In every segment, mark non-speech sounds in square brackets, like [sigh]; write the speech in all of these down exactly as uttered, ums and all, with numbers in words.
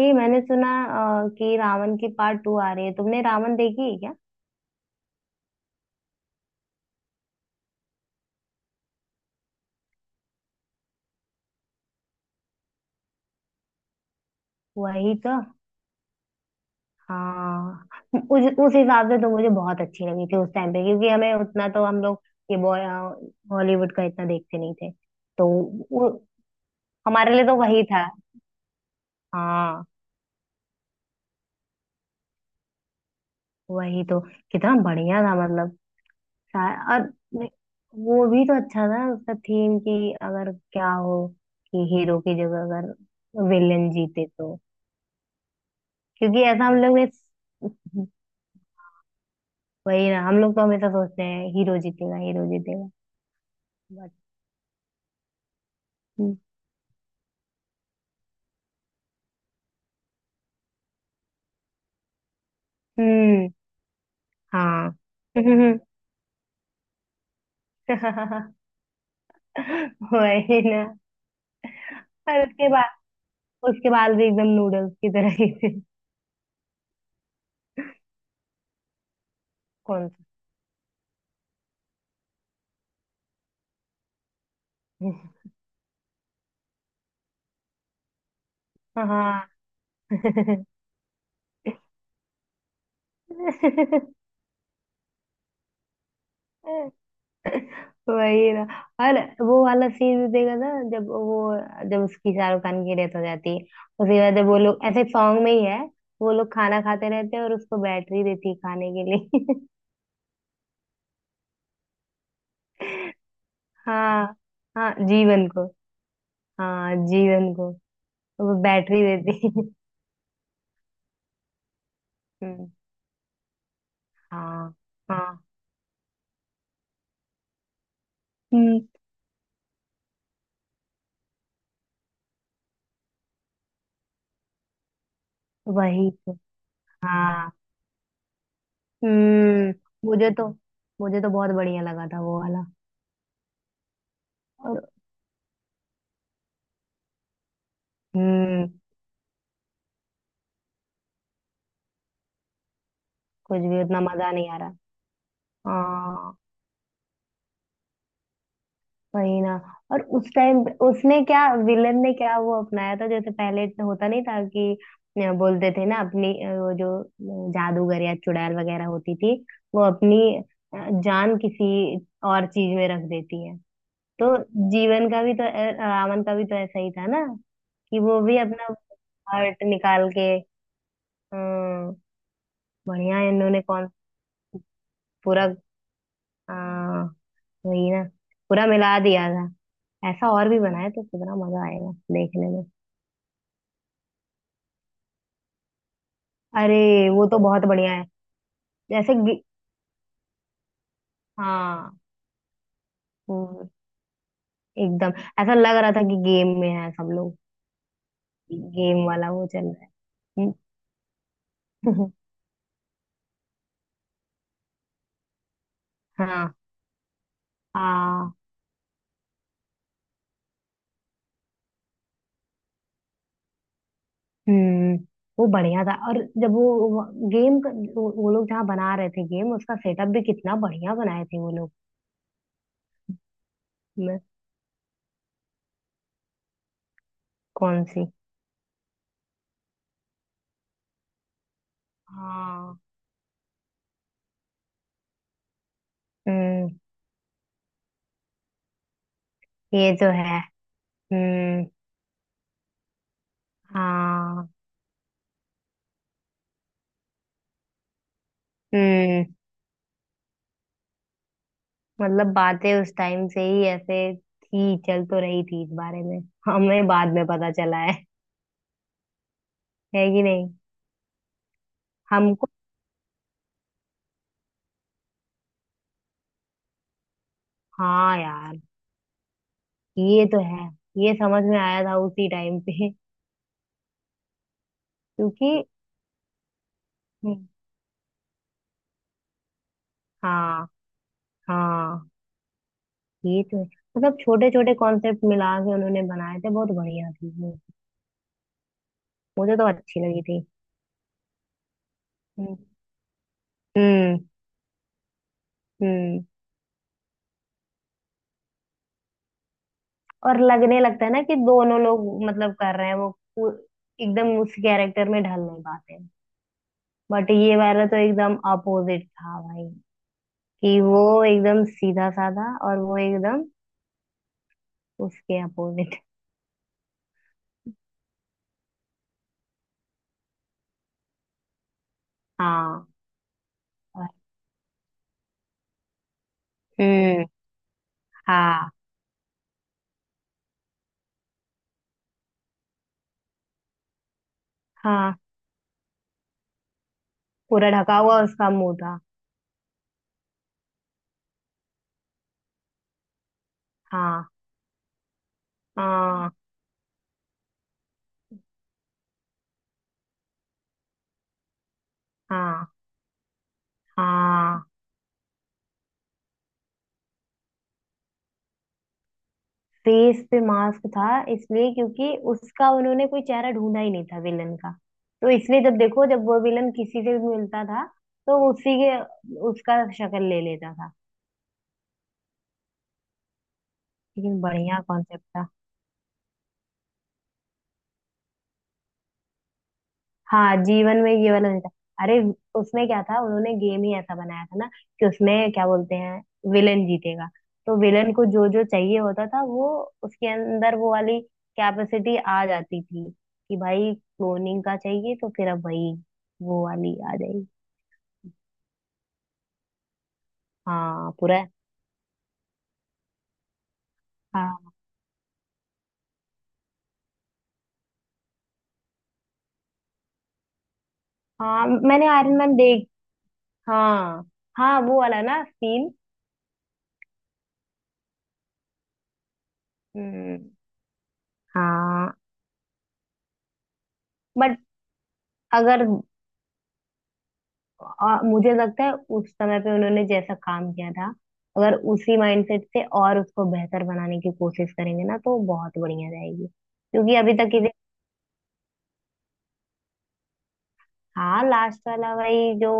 ये मैंने सुना अ, कि रावण की पार्ट टू आ रही है। तुमने रावण देखी है क्या? वही तो। हाँ। उस उस हिसाब से तो मुझे बहुत अच्छी लगी थी उस टाइम पे, क्योंकि हमें उतना तो हम लोग ये बॉय हॉलीवुड का इतना देखते नहीं थे। तो वो, हमारे लिए तो वही था। हाँ। वही तो। कितना बढ़िया था मतलब। सा- और वो भी तो अच्छा था उसका थीम, कि अगर क्या हो, कि हीरो की जगह अगर विलेन जीते तो। क्योंकि ऐसा हम लोग ने, वही ना, हम लोग तो हमेशा सोचते हैं हीरो जीतेगा, हीरो जीतेगा। बट हम्म। हाँ। [laughs] वही ना। और उसके बाद उसके बाद भी एकदम नूडल्स की तरह ही थे। कौन सा? हाँ। [laughs] वही ना। और वो वाला सीन भी देखा था जब वो जब उसकी शाहरुख खान की डेथ हो जाती है। उसके बाद जब वो लोग ऐसे सॉन्ग में ही है, वो लोग खाना खाते रहते हैं और उसको बैटरी देती है खाने के लिए। [laughs] हाँ। हाँ जीवन को। हाँ जीवन को। वो बैटरी देती है। हम्म, हाँ। हाँ। हम्म। वही तो। हाँ। हम्म। मुझे तो मुझे तो बहुत बढ़िया लगा था वो वाला। और हम्म। कुछ भी उतना मजा नहीं आ रहा। हाँ। वही ना। और उस टाइम उसने क्या विलन ने क्या वो अपनाया था, जैसे पहले इतना होता नहीं था कि अ, बोलते थे ना अपनी अ, वो जो अ, जादूगर या चुड़ैल वगैरह होती थी, वो अपनी अ, जान किसी और चीज में रख देती है। तो जीवन का भी तो अ, रावण का भी तो ऐसा ही था ना, कि वो भी अपना हार्ट निकाल के। अ, बढ़िया इन्होंने कौन। पूरा। अ, वही ना। पूरा मिला दिया था। ऐसा और भी बनाया तो कितना मजा आएगा देखने में। अरे वो तो बहुत बढ़िया है। जैसे गे- हाँ। हम्म, एकदम। ऐसा लग रहा था कि गेम में है सब लोग। गेम वाला वो चल रहा है। हम्म, [laughs] हाँ। हाँ। हम्म। वो बढ़िया था। और जब वो गेम, वो, वो लोग जहाँ बना रहे थे गेम, उसका सेटअप भी कितना बढ़िया बनाए थे वो लोग। मैं। कौन सी? हाँ। हम्म। ये तो है। हम्म। हाँ। हम्म। मतलब बातें उस टाइम से ही ऐसे थी, चल तो रही थी इस बारे में। हमें बाद में पता चला है है कि नहीं? हमको। हाँ यार। ये तो है। ये समझ में आया था उसी टाइम पे। क्योंकि। हाँ। हाँ। ये तो है। मतलब छोटे छोटे कॉन्सेप्ट मिला के उन्होंने बनाए थे, बहुत बढ़िया थी वो। मुझे तो अच्छी लगी थी। हम्म। हम्म। हम्म। और लगने लगता है ना कि दोनों लोग मतलब कर रहे हैं, वो पू- एकदम उस कैरेक्टर में ढल नहीं पाते। बट ये वाला तो एकदम अपोजिट था भाई, कि वो एकदम सीधा साधा और वो एकदम उसके अपोजिट। हाँ। और। हम्म। हाँ। हाँ पूरा ढका हुआ उसका मुंह था। हाँ। हाँ। हाँ। हाँ। फेस पे मास्क था, इसलिए क्योंकि उसका उन्होंने कोई चेहरा ढूंढा ही नहीं था विलन का। तो इसलिए जब देखो, जब वो विलन किसी से भी मिलता था, तो उसी के उसका शक्ल ले लेता था। लेकिन बढ़िया कॉन्सेप्ट था। हाँ जीवन में ये वाला नहीं था। अरे उसमें क्या था, उन्होंने गेम ही ऐसा बनाया था ना, कि उसमें क्या बोलते हैं, विलेन जीतेगा तो विलेन को जो जो चाहिए होता था वो, उसके अंदर वो वाली कैपेसिटी आ जाती थी, कि भाई क्लोनिंग का चाहिए तो फिर अब वही वो वाली आ जाएगी। हाँ पूरा। हाँ। हाँ मैंने आयरन मैन देख। हाँ। हाँ वो वाला ना सीन। हम्म। हाँ। बट अगर, आ, मुझे लगता है उस समय पे उन्होंने जैसा काम किया था, अगर उसी माइंडसेट से और उसको बेहतर बनाने की कोशिश करेंगे ना, तो बहुत बढ़िया रहेगी क्योंकि अभी तक इसे। हाँ लास्ट वाला भाई जो,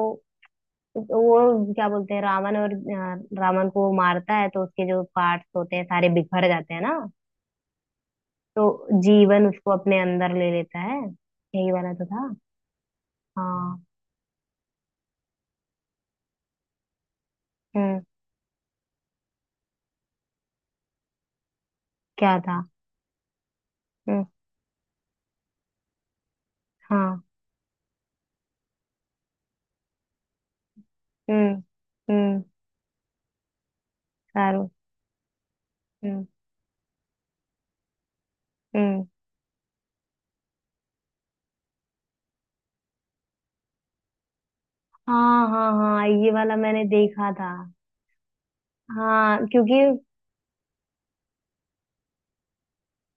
वो क्या बोलते हैं, रावण और अ, रावण को मारता है तो उसके जो पार्ट्स होते हैं सारे बिखर जाते हैं ना, तो जीवन उसको अपने अंदर ले लेता है। यही वाला तो था। हाँ। हम्म। क्या था? हम्म। हाँ। हम्म। हम्म। सारू। हम्म। हम्म। हाँ। हाँ। हाँ ये वाला मैंने देखा था। हाँ क्योंकि।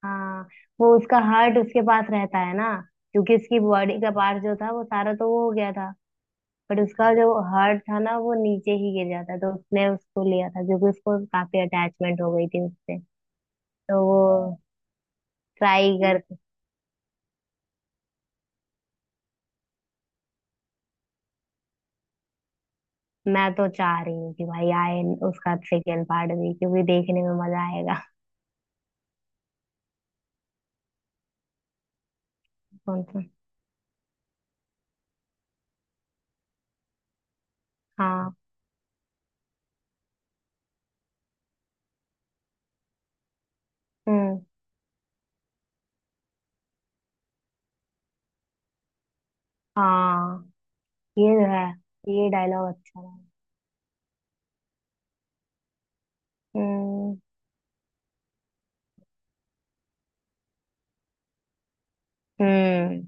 हाँ वो उसका हार्ट उसके पास रहता है ना, क्योंकि उसकी बॉडी का पार्ट जो था वो सारा तो वो हो गया था। बट उसका जो हार्ट था ना, वो नीचे ही गिर जाता, तो उसने उसको लिया था, क्योंकि उसको काफी अटैचमेंट हो गई थी उससे। तो वो ट्राई कर। मैं तो चाह रही हूँ कि भाई आए उसका सेकेंड पार्ट भी, क्योंकि देखने में मजा आएगा। कौन सा? हाँ। हम्म। हाँ। ये है। ये डायलॉग अच्छा है। हम्म। हम्म।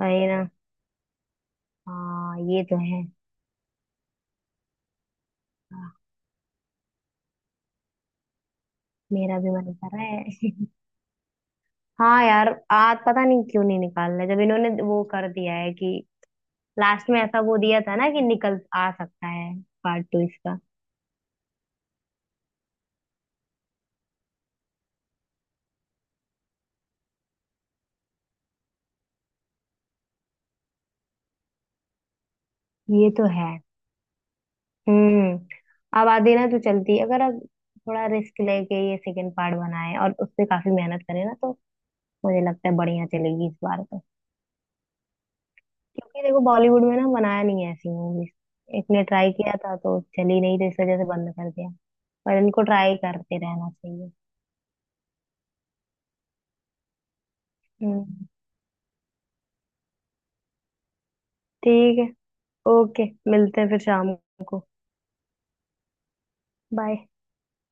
वही ना। हाँ ये तो है। हाँ, मेरा भी मन कर रहा है। [laughs] हाँ यार आज पता नहीं क्यों नहीं निकाल रहे, जब इन्होंने वो कर दिया है कि लास्ट में ऐसा वो दिया था ना कि निकल आ सकता है पार्ट टू इसका। ये तो है। हम्म अब आधी ना तो चलती है, अगर अब थोड़ा रिस्क लेके ये सेकंड पार्ट बनाए और उस पे काफी मेहनत करे ना, तो मुझे लगता है बढ़िया चलेगी इस बार तो। क्योंकि देखो बॉलीवुड में ना बनाया नहीं है ऐसी मूवीज। एक ने ट्राई किया था तो चली नहीं, तो इस वजह से बंद कर दिया। पर इनको ट्राई करते रहना चाहिए। हम्म। ठीक है। ओके। मिलते हैं फिर शाम को। बाय।